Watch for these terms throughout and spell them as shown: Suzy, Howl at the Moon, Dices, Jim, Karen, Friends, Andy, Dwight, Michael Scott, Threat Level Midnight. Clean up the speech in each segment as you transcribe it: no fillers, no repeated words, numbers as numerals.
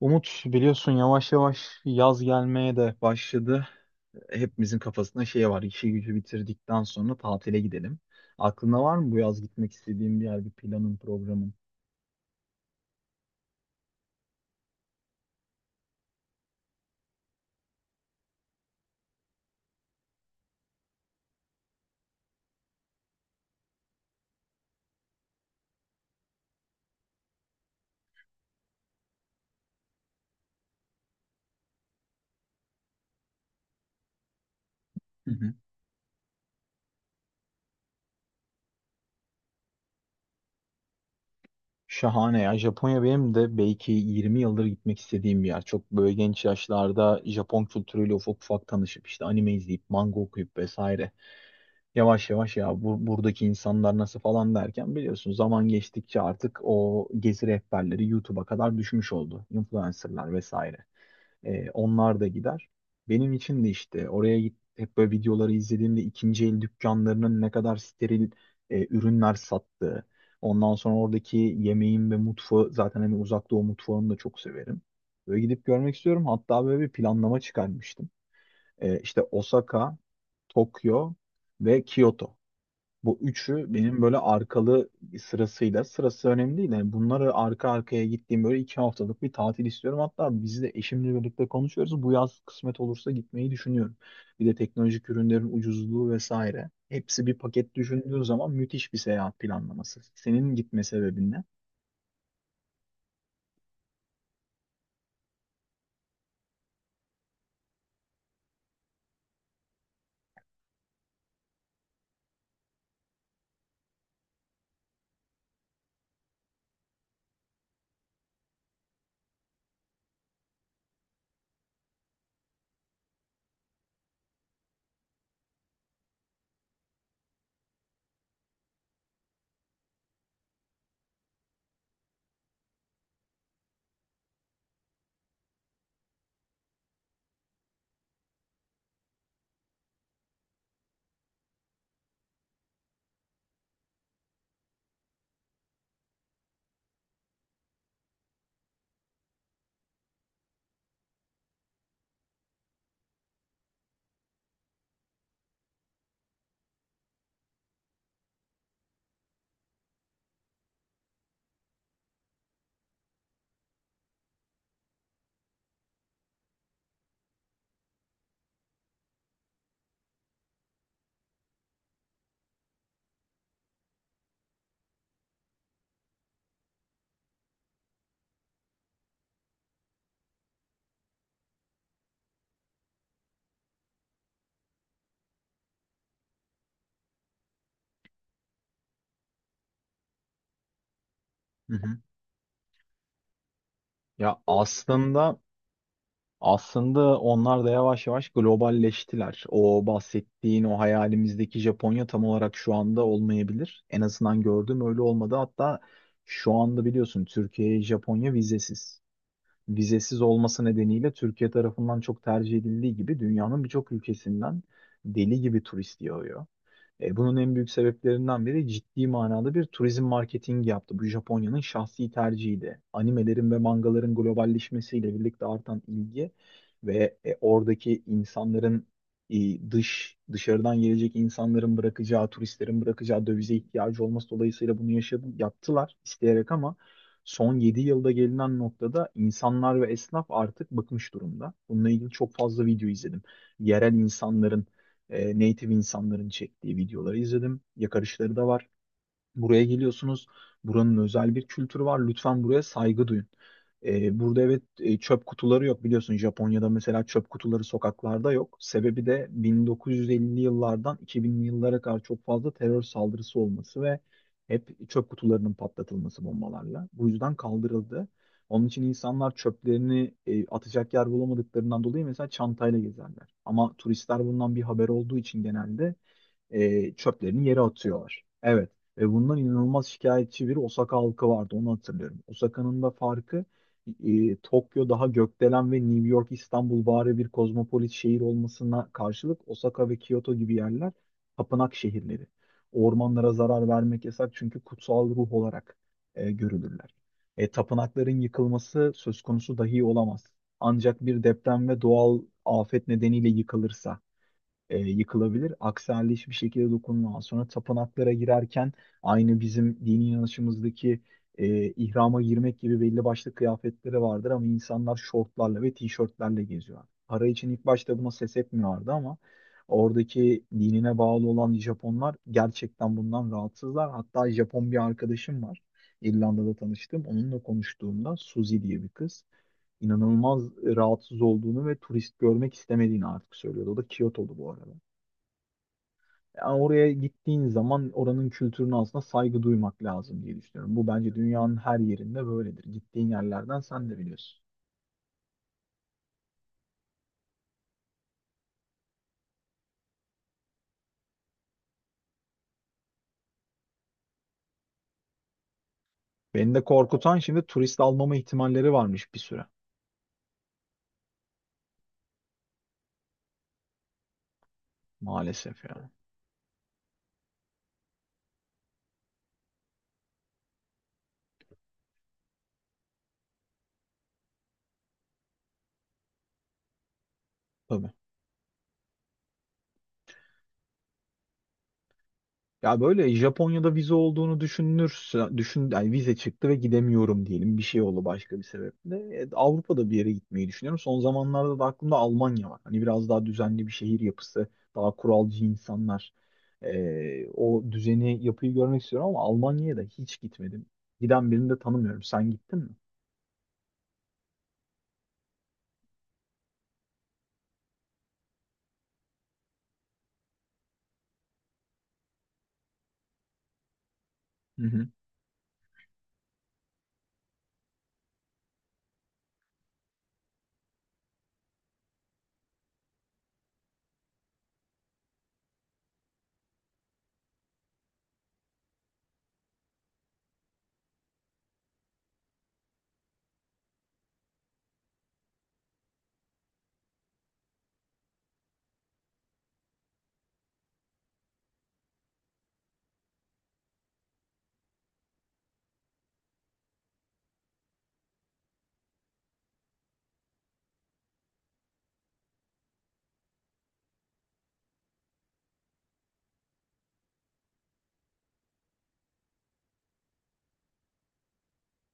Umut biliyorsun yavaş yavaş yaz gelmeye de başladı. Hepimizin kafasında şey var. İşi gücü bitirdikten sonra tatile gidelim. Aklında var mı bu yaz gitmek istediğin bir yer, bir planın, programın? Hı hı. Şahane ya. Japonya benim de belki 20 yıldır gitmek istediğim bir yer. Çok böyle genç yaşlarda Japon kültürüyle ufak ufak tanışıp işte anime izleyip, manga okuyup vesaire. Yavaş yavaş ya buradaki insanlar nasıl falan derken biliyorsun zaman geçtikçe artık o gezi rehberleri YouTube'a kadar düşmüş oldu. Influencerlar vesaire. Onlar da gider. Benim için de işte oraya git, hep böyle videoları izlediğimde ikinci el dükkanlarının ne kadar steril ürünler sattığı. Ondan sonra oradaki yemeğin ve mutfağı, zaten hani uzak doğu mutfağını da çok severim. Böyle gidip görmek istiyorum. Hatta böyle bir planlama çıkarmıştım. İşte Osaka, Tokyo ve Kyoto. Bu üçü benim böyle arkalı sırasıyla, sırası önemli değil. Yani bunları arka arkaya gittiğim böyle 2 haftalık bir tatil istiyorum. Hatta biz de eşimle birlikte konuşuyoruz. Bu yaz kısmet olursa gitmeyi düşünüyorum. Bir de teknolojik ürünlerin ucuzluğu vesaire. Hepsi bir paket düşündüğün zaman müthiş bir seyahat planlaması. Senin gitme sebebin ne? Hı hı. Ya aslında Aslında onlar da yavaş yavaş globalleştiler. O bahsettiğin o hayalimizdeki Japonya tam olarak şu anda olmayabilir. En azından gördüğüm öyle olmadı. Hatta şu anda biliyorsun Türkiye'ye Japonya vizesiz. Vizesiz olması nedeniyle Türkiye tarafından çok tercih edildiği gibi dünyanın birçok ülkesinden deli gibi turist yağıyor. Bunun en büyük sebeplerinden biri, ciddi manada bir turizm marketingi yaptı. Bu Japonya'nın şahsi tercihiydi. Animelerin ve mangaların globalleşmesiyle birlikte artan ilgi ve oradaki insanların dışarıdan gelecek insanların bırakacağı, turistlerin bırakacağı dövize ihtiyacı olması dolayısıyla bunu yaşadı, yaptılar isteyerek ama son 7 yılda gelinen noktada insanlar ve esnaf artık bıkmış durumda. Bununla ilgili çok fazla video izledim. Yerel insanların, native insanların çektiği videoları izledim. Yakarışları da var. Buraya geliyorsunuz. Buranın özel bir kültürü var. Lütfen buraya saygı duyun. Burada evet, çöp kutuları yok, biliyorsun Japonya'da mesela çöp kutuları sokaklarda yok. Sebebi de 1950'li yıllardan 2000'li yıllara kadar çok fazla terör saldırısı olması ve hep çöp kutularının patlatılması bombalarla. Bu yüzden kaldırıldı. Onun için insanlar çöplerini atacak yer bulamadıklarından dolayı mesela çantayla gezerler. Ama turistler bundan bir haber olduğu için genelde çöplerini yere atıyorlar. Evet. Ve bundan inanılmaz şikayetçi bir Osaka halkı vardı. Onu hatırlıyorum. Osaka'nın da farkı, Tokyo daha gökdelen ve New York, İstanbul bari bir kozmopolit şehir olmasına karşılık Osaka ve Kyoto gibi yerler tapınak şehirleri. Ormanlara zarar vermek yasak, çünkü kutsal ruh olarak görülürler. Tapınakların yıkılması söz konusu dahi olamaz. Ancak bir deprem ve doğal afet nedeniyle yıkılırsa yıkılabilir. Aksi halde hiçbir şekilde dokunulmaz. Sonra tapınaklara girerken aynı bizim dini inanışımızdaki ihrama girmek gibi belli başlı kıyafetleri vardır, ama insanlar şortlarla ve tişörtlerle geziyor. Para için ilk başta buna ses etmiyorlardı ama oradaki dinine bağlı olan Japonlar gerçekten bundan rahatsızlar. Hatta Japon bir arkadaşım var. İrlanda'da tanıştım. Onunla konuştuğumda, Suzy diye bir kız, inanılmaz rahatsız olduğunu ve turist görmek istemediğini artık söylüyordu. O da Kyoto'lu bu arada. Yani oraya gittiğin zaman oranın kültürüne aslında saygı duymak lazım diye düşünüyorum. Bu bence dünyanın her yerinde böyledir. Gittiğin yerlerden sen de biliyorsun. Beni de korkutan, şimdi turist almama ihtimalleri varmış bir süre. Maalesef yani. Tabii. Ya böyle Japonya'da vize olduğunu düşünürse düşün, yani vize çıktı ve gidemiyorum diyelim, bir şey oldu başka bir sebeple. Avrupa'da bir yere gitmeyi düşünüyorum. Son zamanlarda da aklımda Almanya var. Hani biraz daha düzenli bir şehir yapısı, daha kuralcı insanlar. O düzeni, yapıyı görmek istiyorum ama Almanya'ya da hiç gitmedim. Giden birini de tanımıyorum. Sen gittin mi? Hı hı,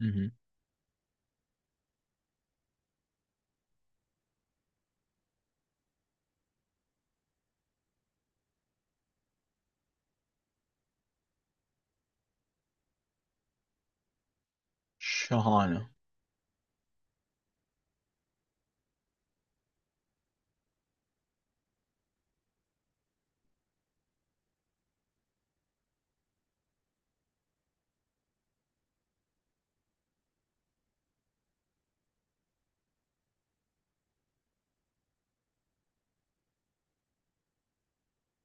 hı hı. Şahane.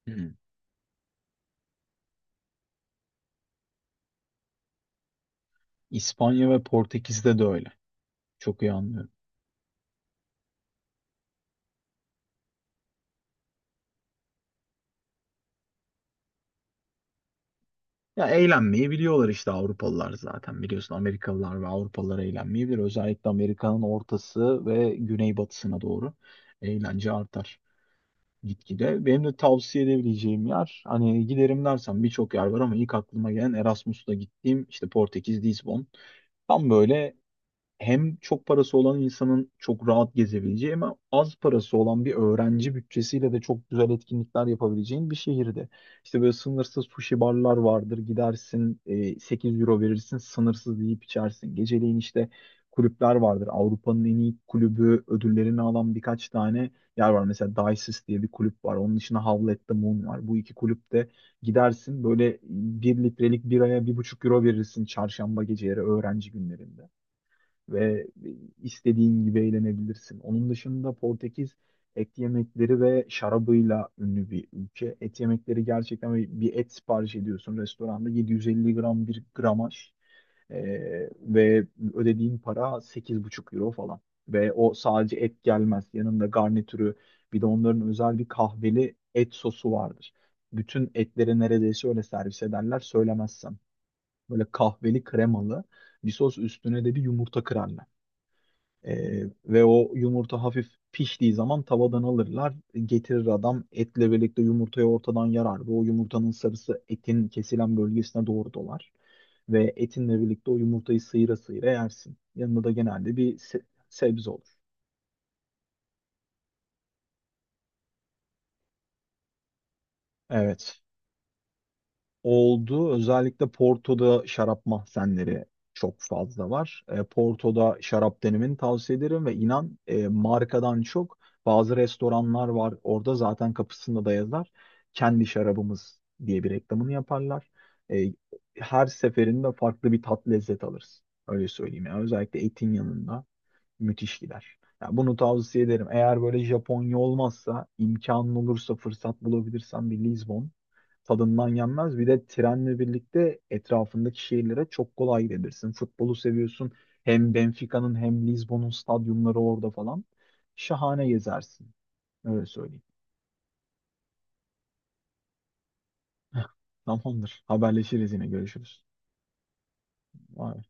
Hı. İspanya ve Portekiz'de de öyle. Çok iyi anlıyorum. Ya eğlenmeyi biliyorlar işte Avrupalılar, zaten biliyorsun Amerikalılar ve Avrupalılar eğlenmeyi bilir. Özellikle Amerika'nın ortası ve güneybatısına doğru eğlence artar gitgide. Benim de tavsiye edebileceğim yer, hani giderim dersen birçok yer var ama ilk aklıma gelen Erasmus'ta gittiğim işte Portekiz, Lizbon. Tam böyle hem çok parası olan insanın çok rahat gezebileceği ama az parası olan bir öğrenci bütçesiyle de çok güzel etkinlikler yapabileceğin bir şehirde. İşte böyle sınırsız sushi barlar vardır. Gidersin, 8 euro verirsin, sınırsız yiyip içersin. Geceleyin işte kulüpler vardır. Avrupa'nın en iyi kulübü ödüllerini alan birkaç tane yer var. Mesela Dices diye bir kulüp var. Onun dışında Howl at the Moon var. Bu iki kulüpte gidersin, böyle 1 litrelik biraya 1,5 euro verirsin çarşamba geceleri, öğrenci günlerinde, ve istediğin gibi eğlenebilirsin. Onun dışında Portekiz et yemekleri ve şarabıyla ünlü bir ülke. Et yemekleri gerçekten, bir et sipariş ediyorsun restoranda, 750 gram bir gramaj. Ve ödediğin para 8,5 euro falan. Ve o sadece et gelmez. Yanında garnitürü, bir de onların özel bir kahveli et sosu vardır. Bütün etleri neredeyse öyle servis ederler söylemezsem. Böyle kahveli kremalı bir sos, üstüne de bir yumurta kırarlar. Ve o yumurta hafif piştiği zaman tavadan alırlar. Getirir adam etle birlikte, yumurtayı ortadan yarar ve o yumurtanın sarısı etin kesilen bölgesine doğru dolar. Ve etinle birlikte o yumurtayı sıyıra sıyıra yersin. Yanında da genelde bir sebze olur. Evet. Oldu. Özellikle Porto'da şarap mahzenleri çok fazla var. Porto'da şarap denemeni tavsiye ederim ve inan markadan çok bazı restoranlar var. Orada zaten kapısında da yazar. Kendi şarabımız diye bir reklamını yaparlar. E, Her seferinde farklı bir tat, lezzet alırız. Öyle söyleyeyim. Yani özellikle etin yanında. Müthiş gider. Ya bunu tavsiye ederim. Eğer böyle Japonya olmazsa, imkanın olursa, fırsat bulabilirsen bir Lizbon, tadından yenmez. Bir de trenle birlikte etrafındaki şehirlere çok kolay gidebilirsin. Futbolu seviyorsun. Hem Benfica'nın hem Lizbon'un stadyumları orada falan. Şahane gezersin. Öyle söyleyeyim. Tamamdır. Haberleşiriz yine. Görüşürüz. Vay.